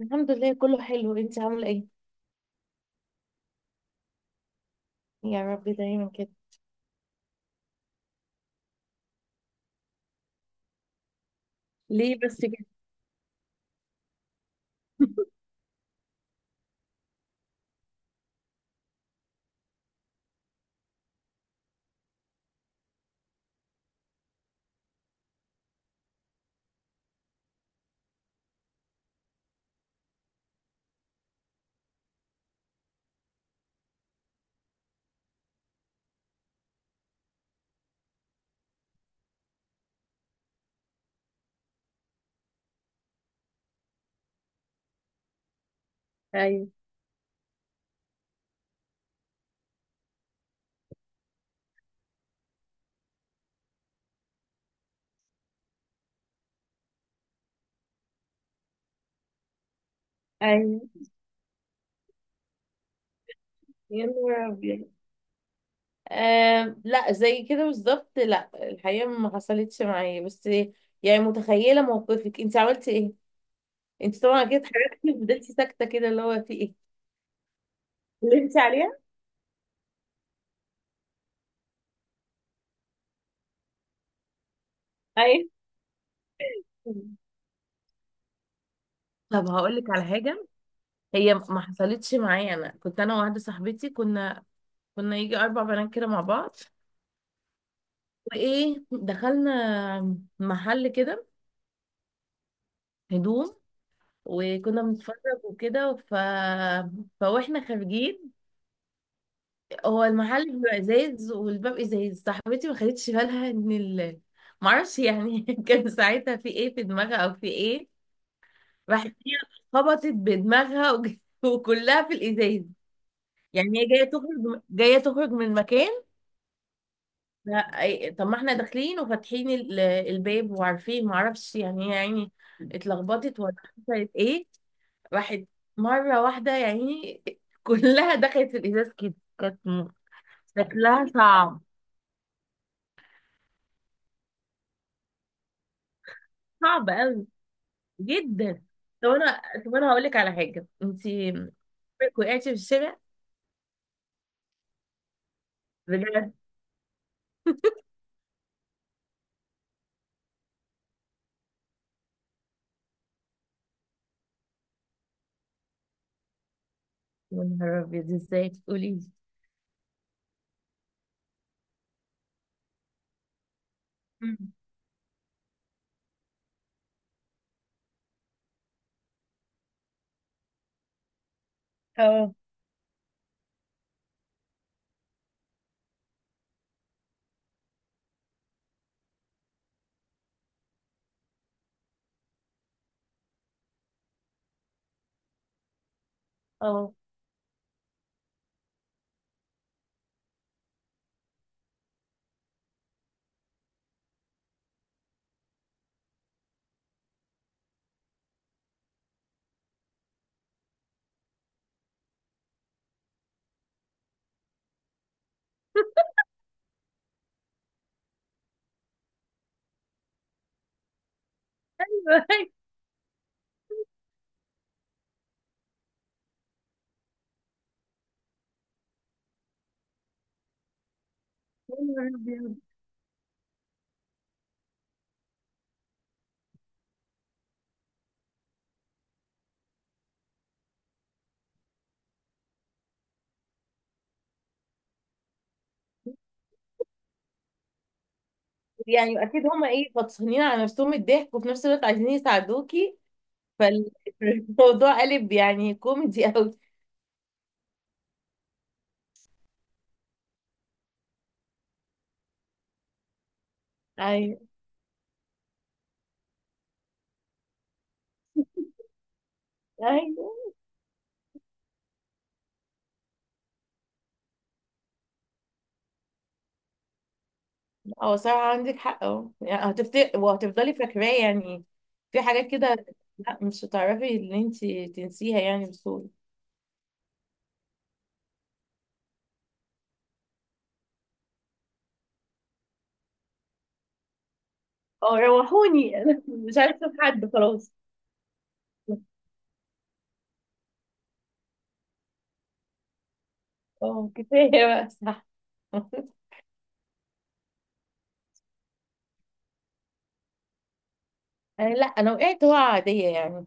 الحمد لله، كله حلو. انت عامله ايه؟ يا رب دايما كده. ليه بس كده؟ ايوه، ايوه. يا نهار ابيض. آه، لا زي كده بالظبط، لا. الحقيقه ما حصلتش معايا، بس. يعني متخيله موقفك، انت عملتي ايه؟ انت طبعا كده اتحركتي وفضلتي ساكته كده، اللي هو في ايه؟ قلبتي عليها؟ ايوه. طب هقول لك على حاجه. هي ما حصلتش معايا. انا كنت انا وواحده صاحبتي، كنا يجي اربع بنات كده مع بعض. وايه، دخلنا محل كده. هدوم. وكنا بنتفرج وكده فواحنا خارجين. هو المحل بيبقى ازاز والباب ازاز. صاحبتي ما خدتش بالها ان معرفش يعني. كان ساعتها في ايه في دماغها او في ايه؟ راحت هي، خبطت بدماغها وكلها في الازاز. يعني هي جايه تخرج من مكان. لا، طب ما احنا داخلين وفاتحين الباب وعارفين، معرفش يعني، هي يعني اتلخبطت ولا حصلت ايه؟ واحد مرة واحدة يعني، كلها دخلت في الإزاز كده. كانت م- شكلها صعب. صعب قوي. جدا. طب أنا هقول لك على حاجة، أنتي عمرك وقعتي في الشارع؟ بجد؟ يا نهار أبيض، إزاي تقولي لي؟ مم. اه، أه. أيوه. يا نهار أبيض. يعني أكيد هما، إيه، فطسانين على نفسهم الضحك وفي نفس الوقت عايزين يساعدوكي، فالموضوع قلب يعني كوميدي أوي. أيوه، أيوه. اه، صراحة عندك حق، اه، يعني هتفتكر وهتفضلي فاكراه يعني. في حاجات كده. لا، مش هتعرفي ان انت تنسيها يعني بسهولة. اه، روحوني، انا مش عارفه في حد، خلاص. اه، كفاية بقى، صح. آه، لا انا وقعت وقعة عادية يعني.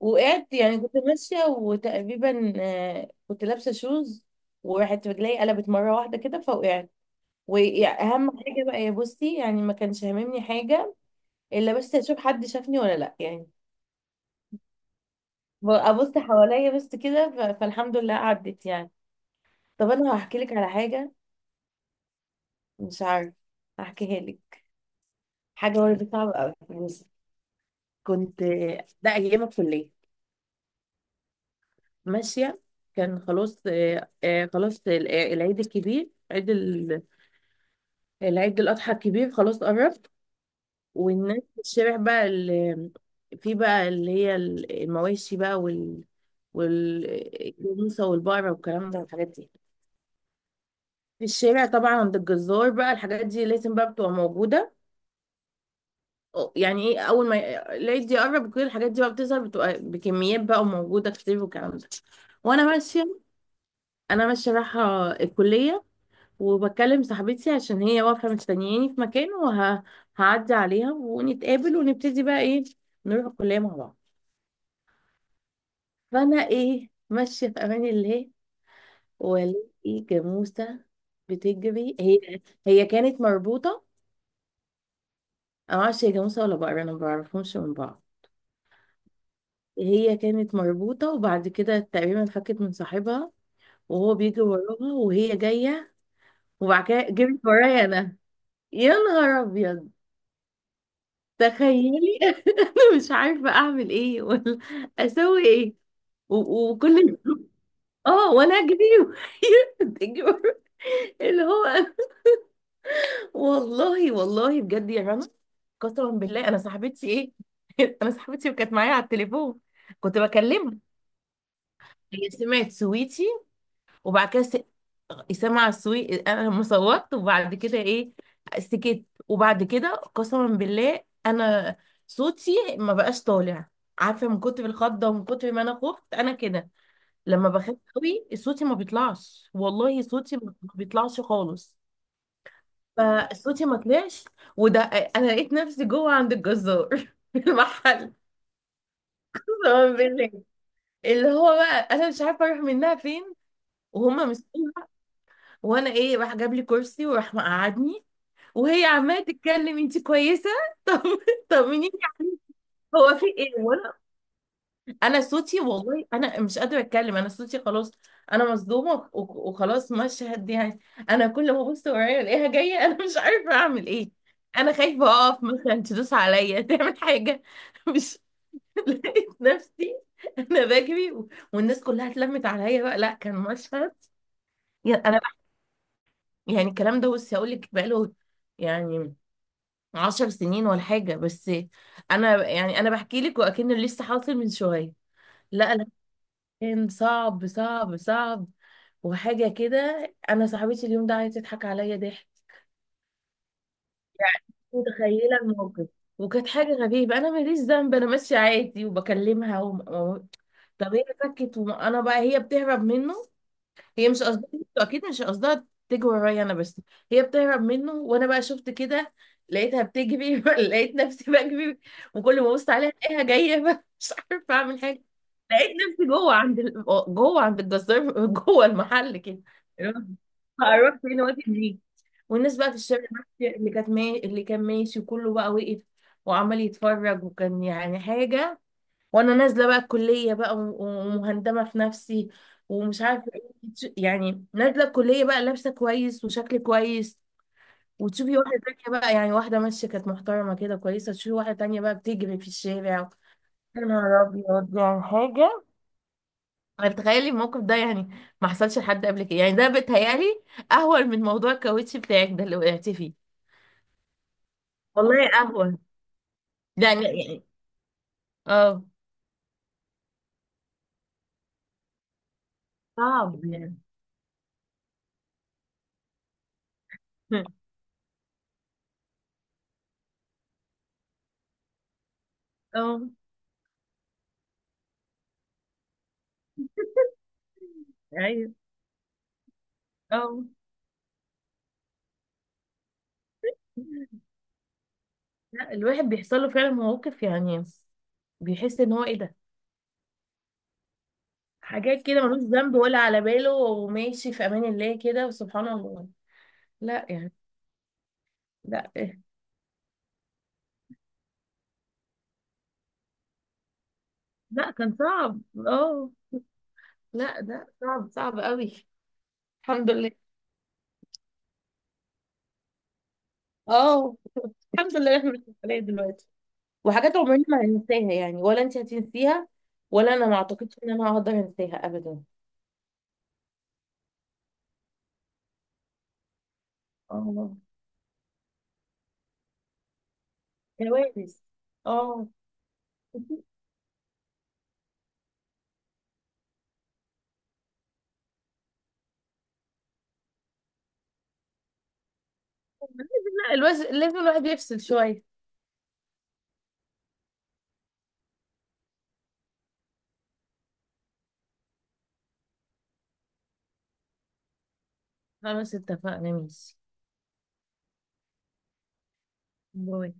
وقعت يعني كنت ماشية وتقريبا كنت لابسة شوز. وراحت رجلي قلبت مرة واحدة كده فوقعت. واهم حاجة بقى، يا بصي، يعني ما كانش هاممني حاجة، الا بس اشوف حد شافني ولا لا يعني. ابص حواليا بس كده، ف- فالحمد لله عدت يعني. طب انا هحكي لك على حاجه. مش عارف. هحكيها لك. حاجه برضه صعبه قوي. بص. كنت، ده ايام الكليه. ماشيه. كان خلاص خلاص العيد الكبير، عيد العيد الاضحى الكبير، خلاص قربت. والناس في الشارع بقى في بقى اللي هي المواشي بقى والجاموسه والبقره والكلام ده والحاجات دي. في الشارع طبعا عند الجزار بقى الحاجات دي لازم بقى بتبقى موجودة. يعني ايه اول ما العيد يقرب وكده الحاجات دي بقى بتظهر، بتبقى بكميات بقى وموجودة كتير والكلام ده. وانا ماشية. انا ماشية رايحة الكلية، وبكلم صاحبتي عشان هي واقفة مستنياني في مكان وهعدي عليها ونتقابل ونبتدي بقى ايه، نروح الكلية مع بعض. فانا ايه ماشية في امان الله، والاقي جاموسة بتجري هي. هي كانت مربوطة. أنا معرفش هي جاموسة ولا بقرة، أنا مبعرفهمش من بعض. هي كانت مربوطة وبعد كده تقريبا فكت من صاحبها، وهو بيجي وراها وهي جاية. وبعد كده جريت ورايا أنا. يا نهار أبيض، تخيلي. أنا مش عارفة أعمل إيه ولا أسوي إيه و- وكل آه وأنا أجري وهي بتجري ورايا. اللي هو أنا- والله، والله، بجد يا رنا. قسما بالله، أنا صاحبتي إيه. أنا صاحبتي وكانت معايا على التليفون، كنت بكلمها. هي سمعت سويتي، وبعد كده اسامه عاشور. انا لما صوتت وبعد كده ايه، سكت. وبعد كده قسما بالله، انا صوتي ما بقاش طالع. عارفه، من كتر الخضه ومن كتر ما انا خفت انا كده، لما بخاف قوي صوتي ما بيطلعش. والله صوتي ما بيطلعش خالص. فصوتي ما طلعش. وده انا لقيت نفسي جوه عند الجزار في المحل. قسما بالله، اللي هو بقى انا مش عارفه اروح منها فين. وهم مستنيين. وانا ايه، راح جاب لي كرسي وراح مقعدني. وهي عماله تتكلم: انت كويسه؟ طب طمنيني، هو في ايه؟ وانا، انا صوتي، والله انا مش قادره اتكلم. انا صوتي خلاص. انا مصدومه وخ- وخلاص، مشهد يعني. انا كل ما ابص ورايا الاقيها جايه، انا مش عارفه اعمل ايه. انا خايفه اقف مثلا تدوس عليا تعمل حاجه. مش لقيت نفسي، انا بجري و- والناس كلها اتلمت عليا بقى، لا كان مشهد، يعني انا، يعني الكلام ده بصي هقول لك بقاله، يعني 10 سنين ولا حاجة، بس أنا يعني أنا بحكي لك وأكنه لسه حاصل من شوية. لا، لا، كان صعب صعب صعب، وحاجة كده، أنا صاحبتي اليوم ده عايزة تضحك عليا ضحك. متخيلة الموقف. وكانت حاجة غريبة، أنا ماليش ذنب، أنا ماشية عادي وبكلمها طب هي فكت وأنا بقى هي بتهرب منه. هي مش قصدها، اكيد مش قصدها تجري ورايا انا، بس هي بتهرب منه وانا بقى شفت كده، لقيتها بتجري. لقيت نفسي بجري، وكل ما ابص عليها الاقيها جايه بقى، مش عارفه اعمل حاجه. لقيت نفسي جوه عند جوه عند الجزار جوه المحل كده. اللي هو هروح فين واجي منين؟ والناس بقى في الشارع، اللي كانت ما... اللي كان ماشي وكله بقى وقف وعمال يتفرج، وكان يعني حاجه. وانا نازله بقى الكليه بقى و- ومهندمه في نفسي، ومش عارفه ايه يعني نازله الكليه بقى لابسه كويس وشكل كويس، وتشوفي واحده تانية بقى، يعني واحده ماشيه كانت محترمه كده كويسه، تشوفي واحده تانية بقى بتجري في الشارع. يا نهار ابيض، يعني حاجه. يعني تخيلي الموقف ده يعني ما حصلش لحد قبل كده، يعني ده بيتهيألي اهون من موضوع الكاوتش بتاعك ده اللي وقعتي فيه. والله اهون يعني اه، صعب يعني. اه، ايوه. اه، لا الواحد بيحصل له فعلا مواقف يعني بيحس ان هو ايه ده. حاجات كده ملوش ذنب ولا على باله وماشي في امان الله كده، وسبحان الله. لا يعني، لا إيه. لا كان صعب. اه، لا ده صعب صعب قوي. الحمد لله. اه، الحمد لله، احنا مش مسؤولين دلوقتي. وحاجات عمرنا ما هننساها يعني، ولا انت هتنسيها، ولا انا ما اعتقدش ان انا هقدر انساها ابدا. اه. كوارث. اه. لا، الواحد لازم الواحد يفصل شوية. خلاص، اتفقنا، ماشي. باي.